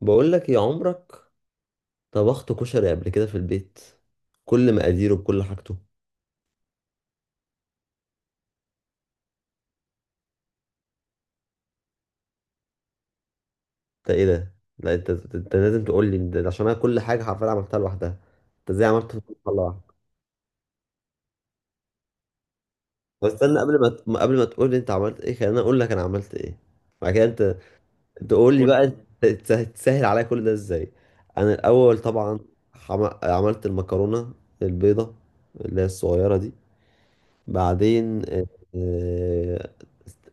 بقول لك يا عمرك، طبخت كشري قبل كده في البيت، كل مقاديره بكل حاجته. انت ايه ده؟ لا، انت لازم تقول لي ده عشان انا كل حاجه حرفيا عملتها لوحدها. انت ازاي عملت في الطبخ لوحدك؟ بس استنى، قبل ما تقول لي انت عملت ايه، خليني اقول لك انا عملت ايه، بعد كده انت تقول لي. قول بقى، انت تسهل عليا كل ده ازاي؟ انا الاول طبعا عملت المكرونه البيضه اللي هي الصغيره دي. بعدين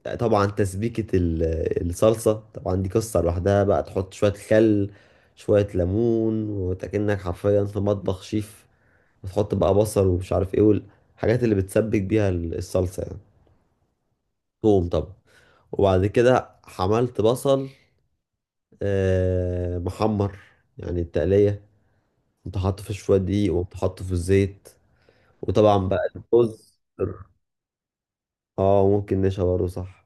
طبعا تسبيكة الصلصة، طبعا دي قصة لوحدها بقى. تحط شوية خل، شوية ليمون، وتأكنك حرفيا في مطبخ شيف. وتحط بقى بصل ومش عارف ايه، والحاجات اللي بتسبك بيها الصلصة يعني. توم طبعا. وبعد كده حملت بصل، محمر، يعني التقلية. كنت حاطه في شوية دقيق وكنت حاطه في الزيت. وطبعا بقى الرز. اه ممكن نشا برضه، صح.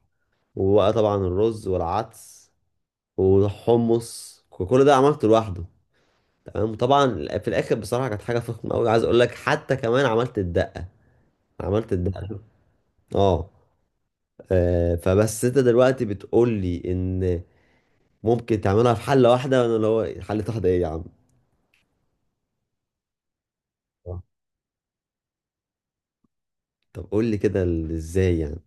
وبقى طبعا الرز والعدس والحمص وكل ده عملته لوحده. تمام. وطبعا في الاخر بصراحه كانت حاجه فخمه قوي. عايز اقول لك حتى كمان عملت الدقه، عملت الدقه. اه. آه، فبس انت دلوقتي بتقول لي ان ممكن تعملها في حله واحده، وانا اللي هو حله واحده ايه يا عم؟ آه. طب قول لي كده ازاي يعني؟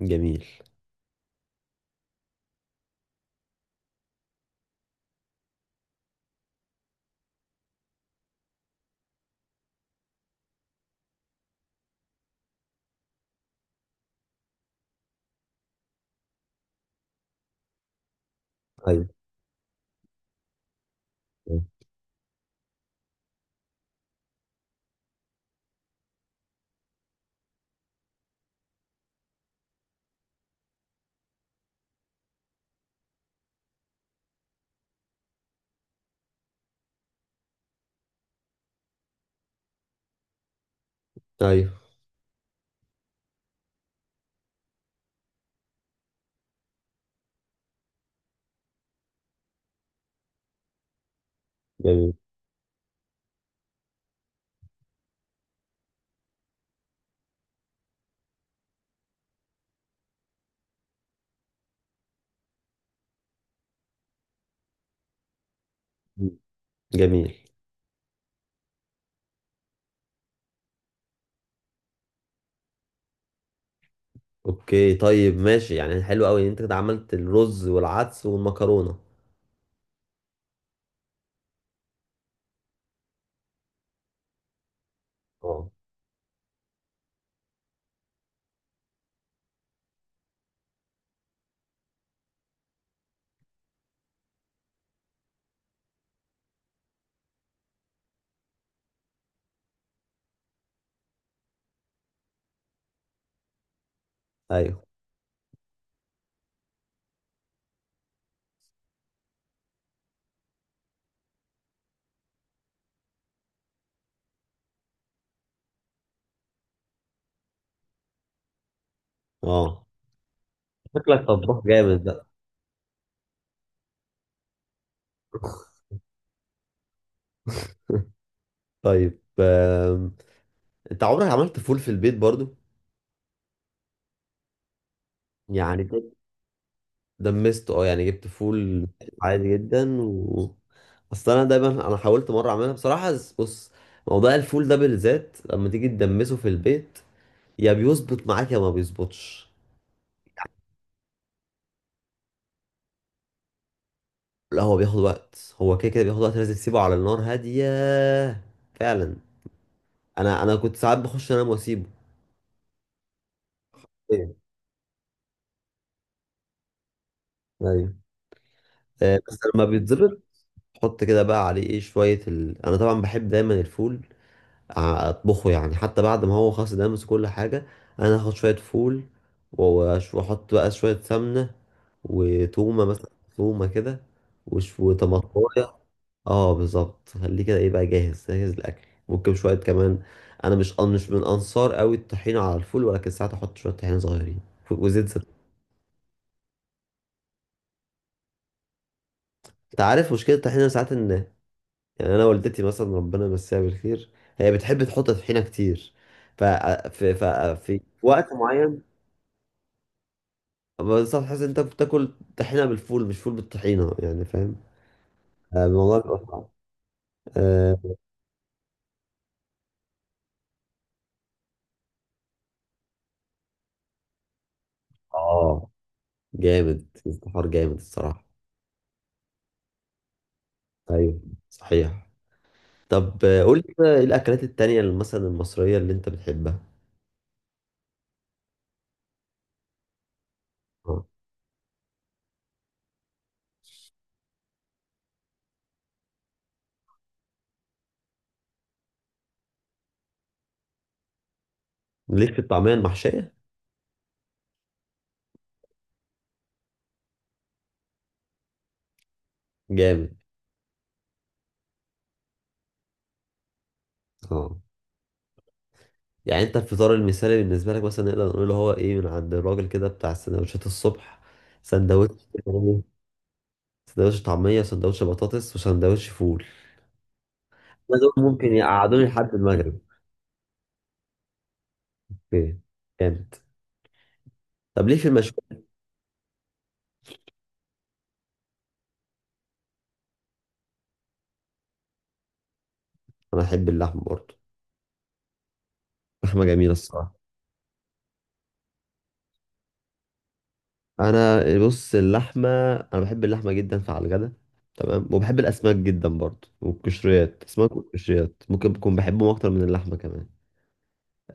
جميل. ايوه. ايوه. جميل. جميل. اوكي طيب ماشي، يعني حلو قوي ان انت كده عملت الرز والعدس والمكرونه. اه. ايوه. اه. شكلك طباخ جامد بقى. طيب انت عمرك عملت فول في البيت برضو؟ يعني دمسته، اه، يعني جبت فول عادي جدا، و... اصل انا دايما، انا حاولت مره اعملها بصراحه بس- بص، موضوع الفول ده بالذات لما تيجي تدمسه في البيت، يا بيظبط معاك يا ما بيظبطش. لا هو بياخد وقت، هو كده كده بياخد وقت، لازم تسيبه على النار هاديه. فعلا. انا كنت ساعات بخش انام واسيبه. ايوه. ايوه. بس لما بيتظبط، حط كده بقى عليه ايه شوية ال... انا طبعا بحب دايما الفول اطبخه يعني. حتى بعد ما هو خلاص دامس كل حاجة، انا هاخد شوية فول واحط بقى شوية سمنة وتومة مثلا، تومة كده، وطماطماية. اه بالظبط، خليه كده ايه بقى جاهز جاهز الاكل. ممكن شوية كمان، انا مش من انصار قوي الطحينة على الفول، ولكن ساعات احط شوية طحينة صغيرين وزيت زيتون. انت عارف مشكلة الطحينة ساعات ان، يعني انا والدتي مثلا ربنا يمسيها بالخير، هي بتحب تحط طحينه كتير. ف... في ف... في وقت معين بس تحس إن انت بتاكل طحينه بالفول مش فول بالطحينه يعني، فاهم؟ الموضوع بيبقى صعب. اه. آه، جامد استفار جامد الصراحه. ايوه صحيح. طب قول لي بقى ايه الاكلات التانية اللي مثلا المصريه اللي انت بتحبها؟ آه. ليك في الطعميه المحشيه؟ جامد. اه يعني انت الفطار المثالي بالنسبه لك مثلا نقدر نقول هو ايه؟ من عند الراجل كده بتاع السندوتشات الصبح، سندوتش يعني. سندوتش طعميه وسندوتش بطاطس وسندوتش فول؟ ده دول ممكن يقعدوني لحد المغرب. اوكي. جامد. طب ليه في المشويات؟ انا احب اللحمه برضه، لحمه جميله الصراحه. انا بص، اللحمه، انا بحب اللحمه جدا فعلى الغدا، تمام. وبحب الاسماك جدا برضه والقشريات، اسماك والقشريات ممكن بكون بحبهم اكتر من اللحمه كمان.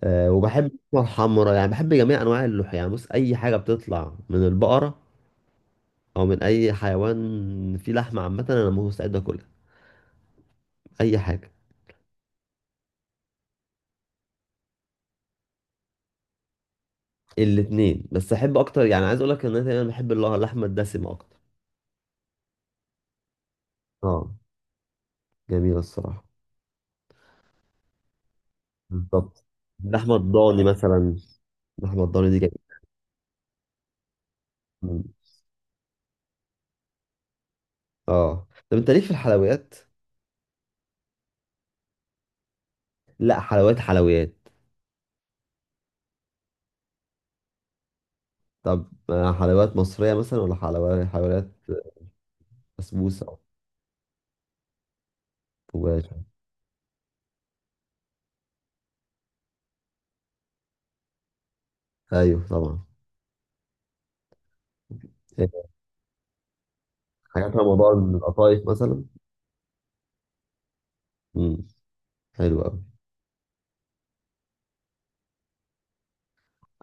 وبحب اللحمة الحمرا، يعني بحب جميع أنواع اللحوم، يعني بص، أي حاجة بتطلع من البقرة أو من أي حيوان فيه لحمة عامة، أنا مستعد أكلها. أي حاجة. الاتنين، بس أحب أكتر، يعني عايز أقول لك إن أنا دايما بحب اللحمة الدسمة أكتر. أه جميلة الصراحة. بالظبط. اللحمة الضاني مثلا، اللحمة الضاني دي جميلة. مم. أه، طب أنت ليك في الحلويات؟ لا حلويات حلويات. طب حلويات مصرية مثلا ولا حلويات حلويات؟ بسبوسة أو كوباية. أيوه طبعا. حاجات فيها موضوع القطايف مثلا. امم. حلو قوي.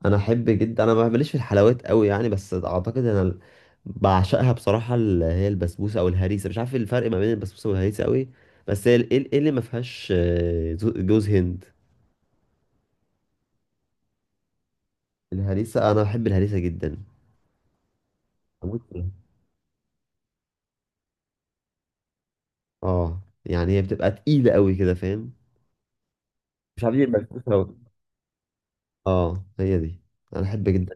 انا احب جدا، انا ما بمليش في الحلويات قوي يعني، بس اعتقد انا بعشقها بصراحه اللي هي البسبوسه او الهريسه. مش عارف إيه الفرق ما بين البسبوسه والهريسه قوي. بس هي ايه، إيه اللي ما فيهاش جوز هند؟ الهريسه. انا بحب الهريسه جدا. أموت فيها. اه يعني هي بتبقى تقيله قوي كده، فاهم؟ مش عارف ايه البسبوسه. اه هي دي، انا احب جدا.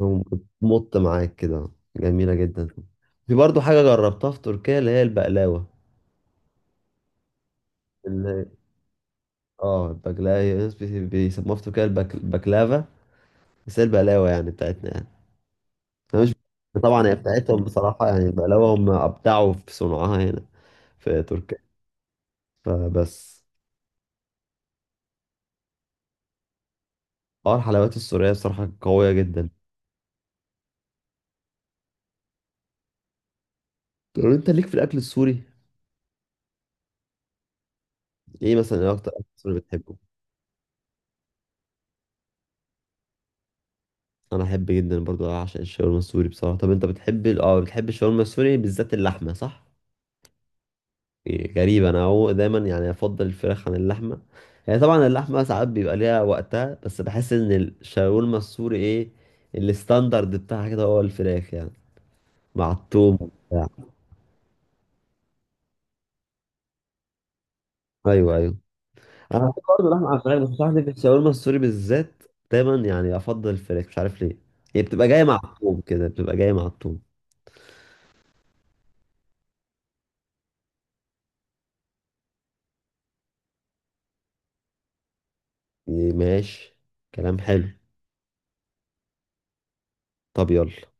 وبتمط معاك كده. جميلة جدا. في برضو حاجة جربتها في تركيا اللي هي البقلاوة. اللي هي، اه البقلاوة هي، ناس بيسموها في تركيا البكلافا، بس هي البقلاوة يعني بتاعتنا يعني. أنا مش... طبعا هي بتاعتهم بصراحة، يعني البقلاوة هم أبدعوا في صنعها هنا في تركيا، فبس. اه الحلويات السورية بصراحة قوية جدا. طب انت ليك في الأكل السوري؟ ايه مثلا، ايه أكتر أكل سوري بتحبه؟ أنا أحب جدا برضو، أعشق الشاورما السوري بصراحة. طب أنت بتحب اه بتحب الشاورما السوري بالذات اللحمة صح؟ غريبة، أنا هو دايما يعني أفضل الفراخ عن اللحمة. يعني طبعا اللحمة ساعات بيبقى ليها وقتها، بس بحس إن الشاورما السوري إيه، الستاندرد بتاعها كده هو الفراخ يعني، مع التوم وبتاع. أيوه أيوه. أنا بحب برضه لحمة على الفراخ، بس مش عارف ليه في الشاورما السوري بالذات دايما يعني أفضل الفراخ، مش عارف ليه. هي بتبقى جاية مع التوم كده، بتبقى جاية مع التوم. ماشي. كلام حلو. طب يلا.